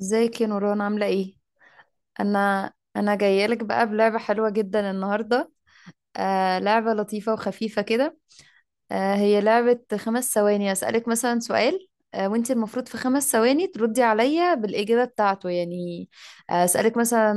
ازيك يا نوران، عاملة ايه؟ انا جاية لك بقى بلعبة حلوة جدا النهاردة. لعبة لطيفة وخفيفة كده. هي لعبة 5 ثواني، اسألك مثلا سؤال، وانت المفروض في 5 ثواني تردي عليا بالإجابة بتاعته يعني. اسألك مثلا،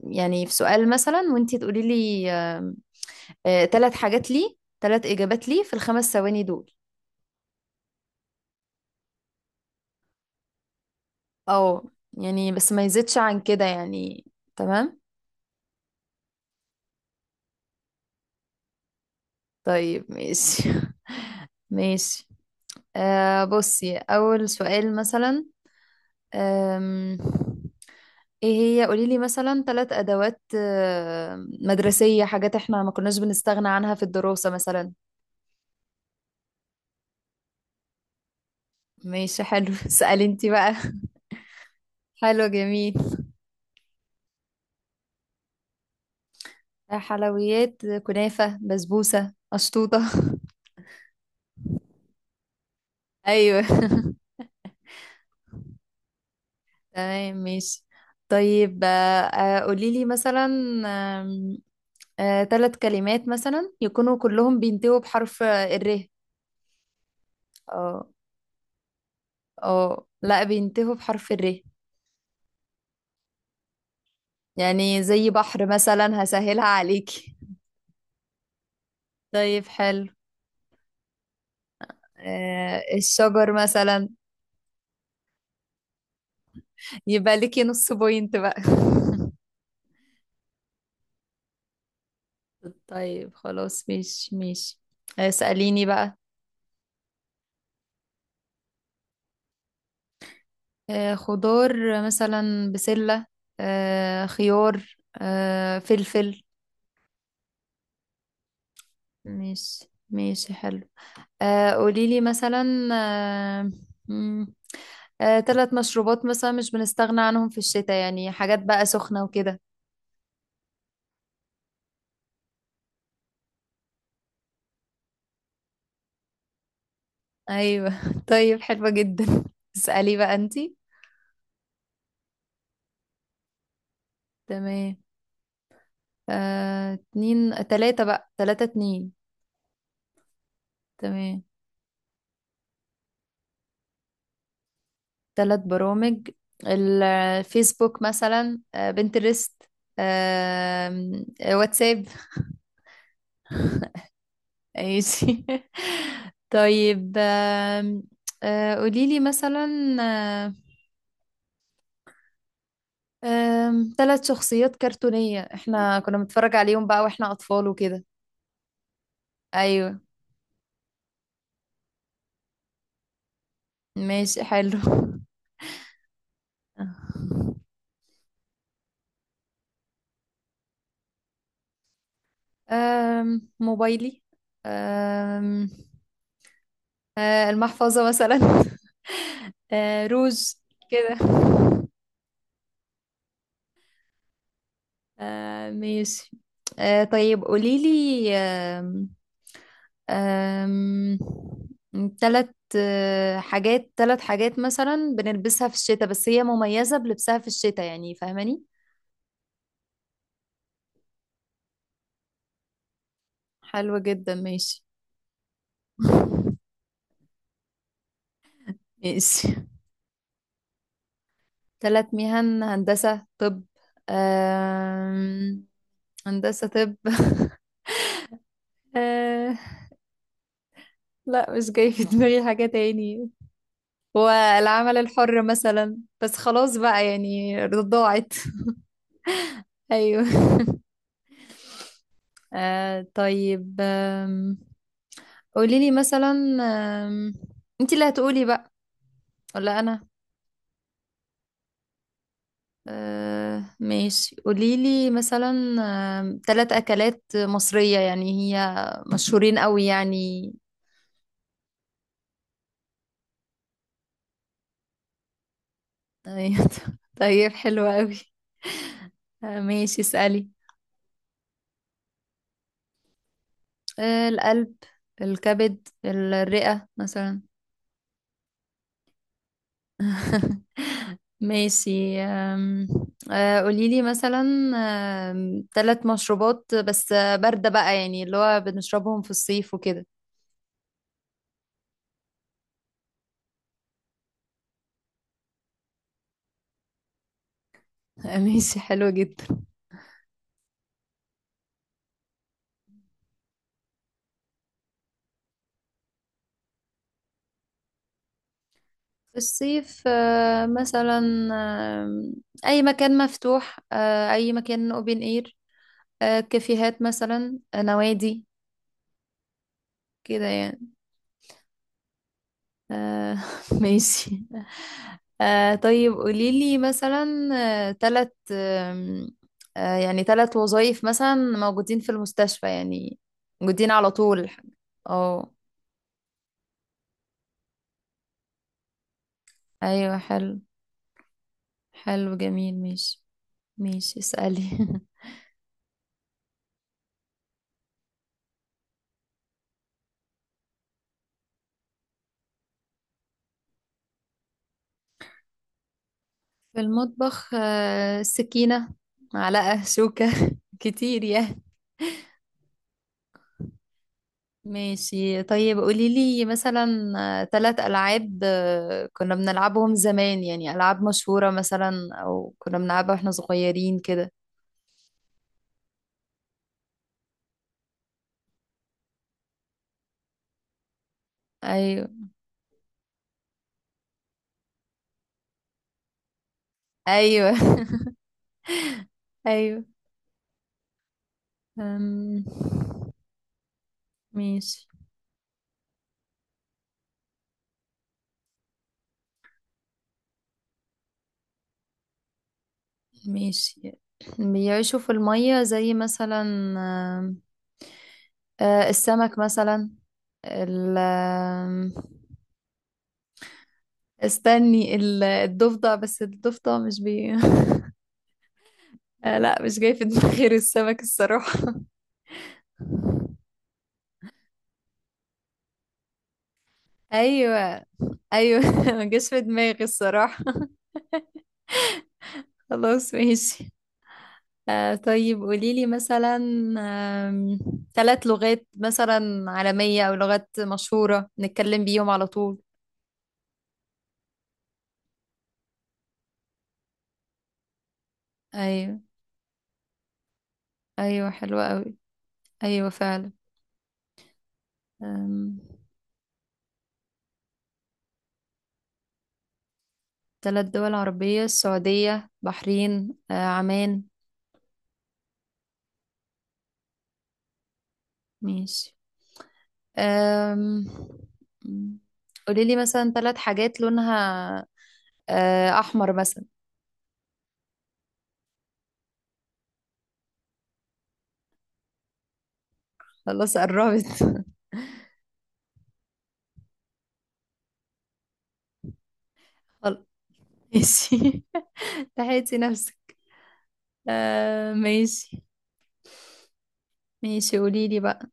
يعني في سؤال مثلا وانت تقولي لي ثلاث حاجات لي، ثلاث إجابات لي في ال5 ثواني دول. اه، يعني بس ما يزيدش عن كده يعني. تمام؟ طيب ماشي. ماشي. بصي، أول سؤال مثلا، آم، ايه، هي قوليلي مثلا ثلاث أدوات مدرسية، حاجات احنا ما كناش بنستغنى عنها في الدراسة مثلا. ماشي حلو. اسألي انتي بقى. حلو جميل. حلويات: كنافة، بسبوسة، أشطوطة. أيوه. تمام ماشي. طيب، قوليلي مثلا ثلاث كلمات مثلا يكونوا كلهم بينتهوا بحرف الر. آه، اه، لا، بينتهوا بحرف الر. يعني زي بحر مثلا، هسهلها عليكي. طيب حلو. الشجر مثلا. يبقى ليكي نص بوينت بقى. طيب خلاص، مش. اسأليني بقى. خضار مثلا، بسلة، خيار، فلفل. مش. ماشي حلو. قوليلي مثلا، آه، مم، تلات مشروبات مثلا مش بنستغنى عنهم في الشتاء، يعني حاجات بقى سخنة وكده. أيوة. طيب حلوة جدا. اسألي بقى انتي. تمام. اتنين تلاتة بقى، تلاتة اتنين. تمام. تلات برامج: الفيسبوك مثلا، بنترست، آم، آه، واتساب. ماشي. طيب، آم، آه، قوليلي مثلا، آه، ثلاث شخصيات كرتونية احنا كنا بنتفرج عليهم بقى واحنا أطفال وكده. أيوة. ماشي حلو. موبايلي، أم المحفظة مثلا، روز، كده. ماشي. طيب قوليلي، آم، آم، تلت حاجات، تلت حاجات مثلا بنلبسها في الشتاء بس هي مميزة بلبسها في الشتاء، يعني فاهماني. حلوة جدا ماشي. ماشي. تلت مهن: هندسة، طب، آم، هندسة طب. آه، لا مش جاي في دماغي حاجة تاني. والعمل الحر مثلا، بس خلاص بقى يعني ضاعت. ايوه. طيب، قولي لي مثلا، آم، انت اللي هتقولي بقى ولا انا؟ ماشي، قولي لي مثلا تلات اكلات مصرية، يعني هي مشهورين قوي يعني. أيوة. طيب حلوة قوي. ماشي، اسألي. القلب، الكبد، الرئة مثلا. ماشي، أم، آه، قوليلي مثلا ثلاث مشروبات بس باردة بقى، يعني اللي هو بنشربهم في الصيف وكده. ماشي حلو جدا. في الصيف مثلا، آم، أي مكان مفتوح، أي مكان open air، كافيهات مثلا، نوادي، كده يعني. آه. ماشي. طيب قوليلي مثلا تلت آم، آه يعني تلت وظائف مثلا موجودين في المستشفى، يعني موجودين على طول. اه. ايوه حلو. حلو جميل ماشي. ماشي اسألي. في المطبخ سكينة، معلقة، شوكة. كتير يعني. ماشي طيب، قولي لي مثلا ثلاث ألعاب كنا بنلعبهم زمان يعني، ألعاب مشهورة مثلا أو كنا بنلعبها واحنا صغيرين كده. أيوه. أيوه. أيوه. أم... ماشي. ماشي. بيعيشوا في المية زي مثلا، آم، آه، السمك مثلا، ال آم، استني، الضفدع، بس الضفدع مش بي. لا مش جاي في دماغي غير السمك الصراحة. ايوه. ايوه. ما جاش في دماغي الصراحة. خلاص ماشي. طيب قوليلي مثلا آم، ثلاث لغات مثلا عالمية او لغات مشهورة نتكلم بيهم على طول. ايوه. ايوه حلوة قوي. ايوه فعلا. ثلاث دول عربية: السعودية، بحرين، عمان. ماشي. أم... قولي لي مثلا ثلاث حاجات لونها احمر مثلا. خلاص قربت. خلاص ماشي. لحقتي نفسك. ماشي. ماشي قولي لي بقى.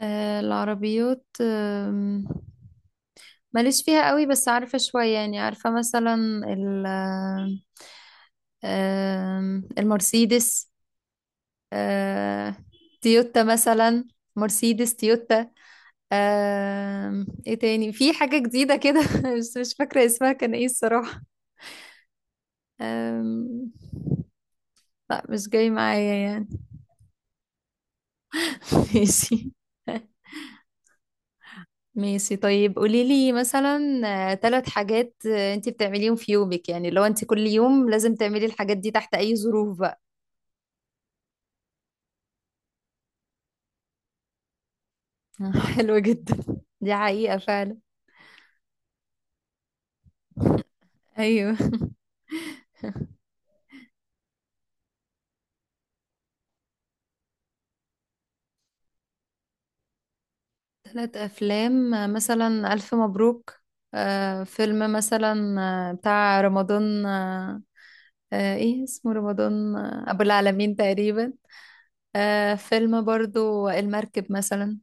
العربيات، ماليش فيها قوي بس عارفة شوية يعني، عارفة مثلا ال، المرسيدس، آه، تويوتا مثلا، مرسيدس تويوتا. ايه تاني، في حاجة جديدة كده بس مش فاكرة اسمها كان ايه الصراحة. آم، لا مش جاي معايا يعني. ماشي. ماشي طيب قولي لي مثلا ثلاث حاجات انت بتعمليهم في يومك، يعني لو انت كل يوم لازم تعملي الحاجات دي تحت اي ظروف بقى. حلوة جدا. دي حقيقة فعلا. ايوه. ثلاث افلام مثلا الف مبروك، فيلم مثلا بتاع رمضان، ايه اسمه، رمضان ابو العالمين تقريبا. آه، فيلم برضو المركب مثلا.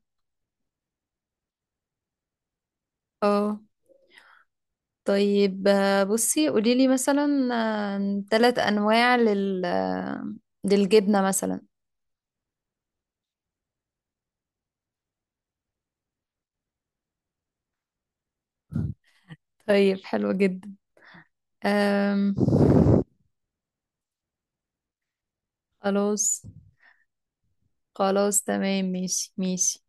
اه. طيب بصي قوليلي مثلا ثلاث انواع لل للجبنة مثلا. طيب حلو جدا. آم، خلاص. خلاص تمام ماشي ماشي.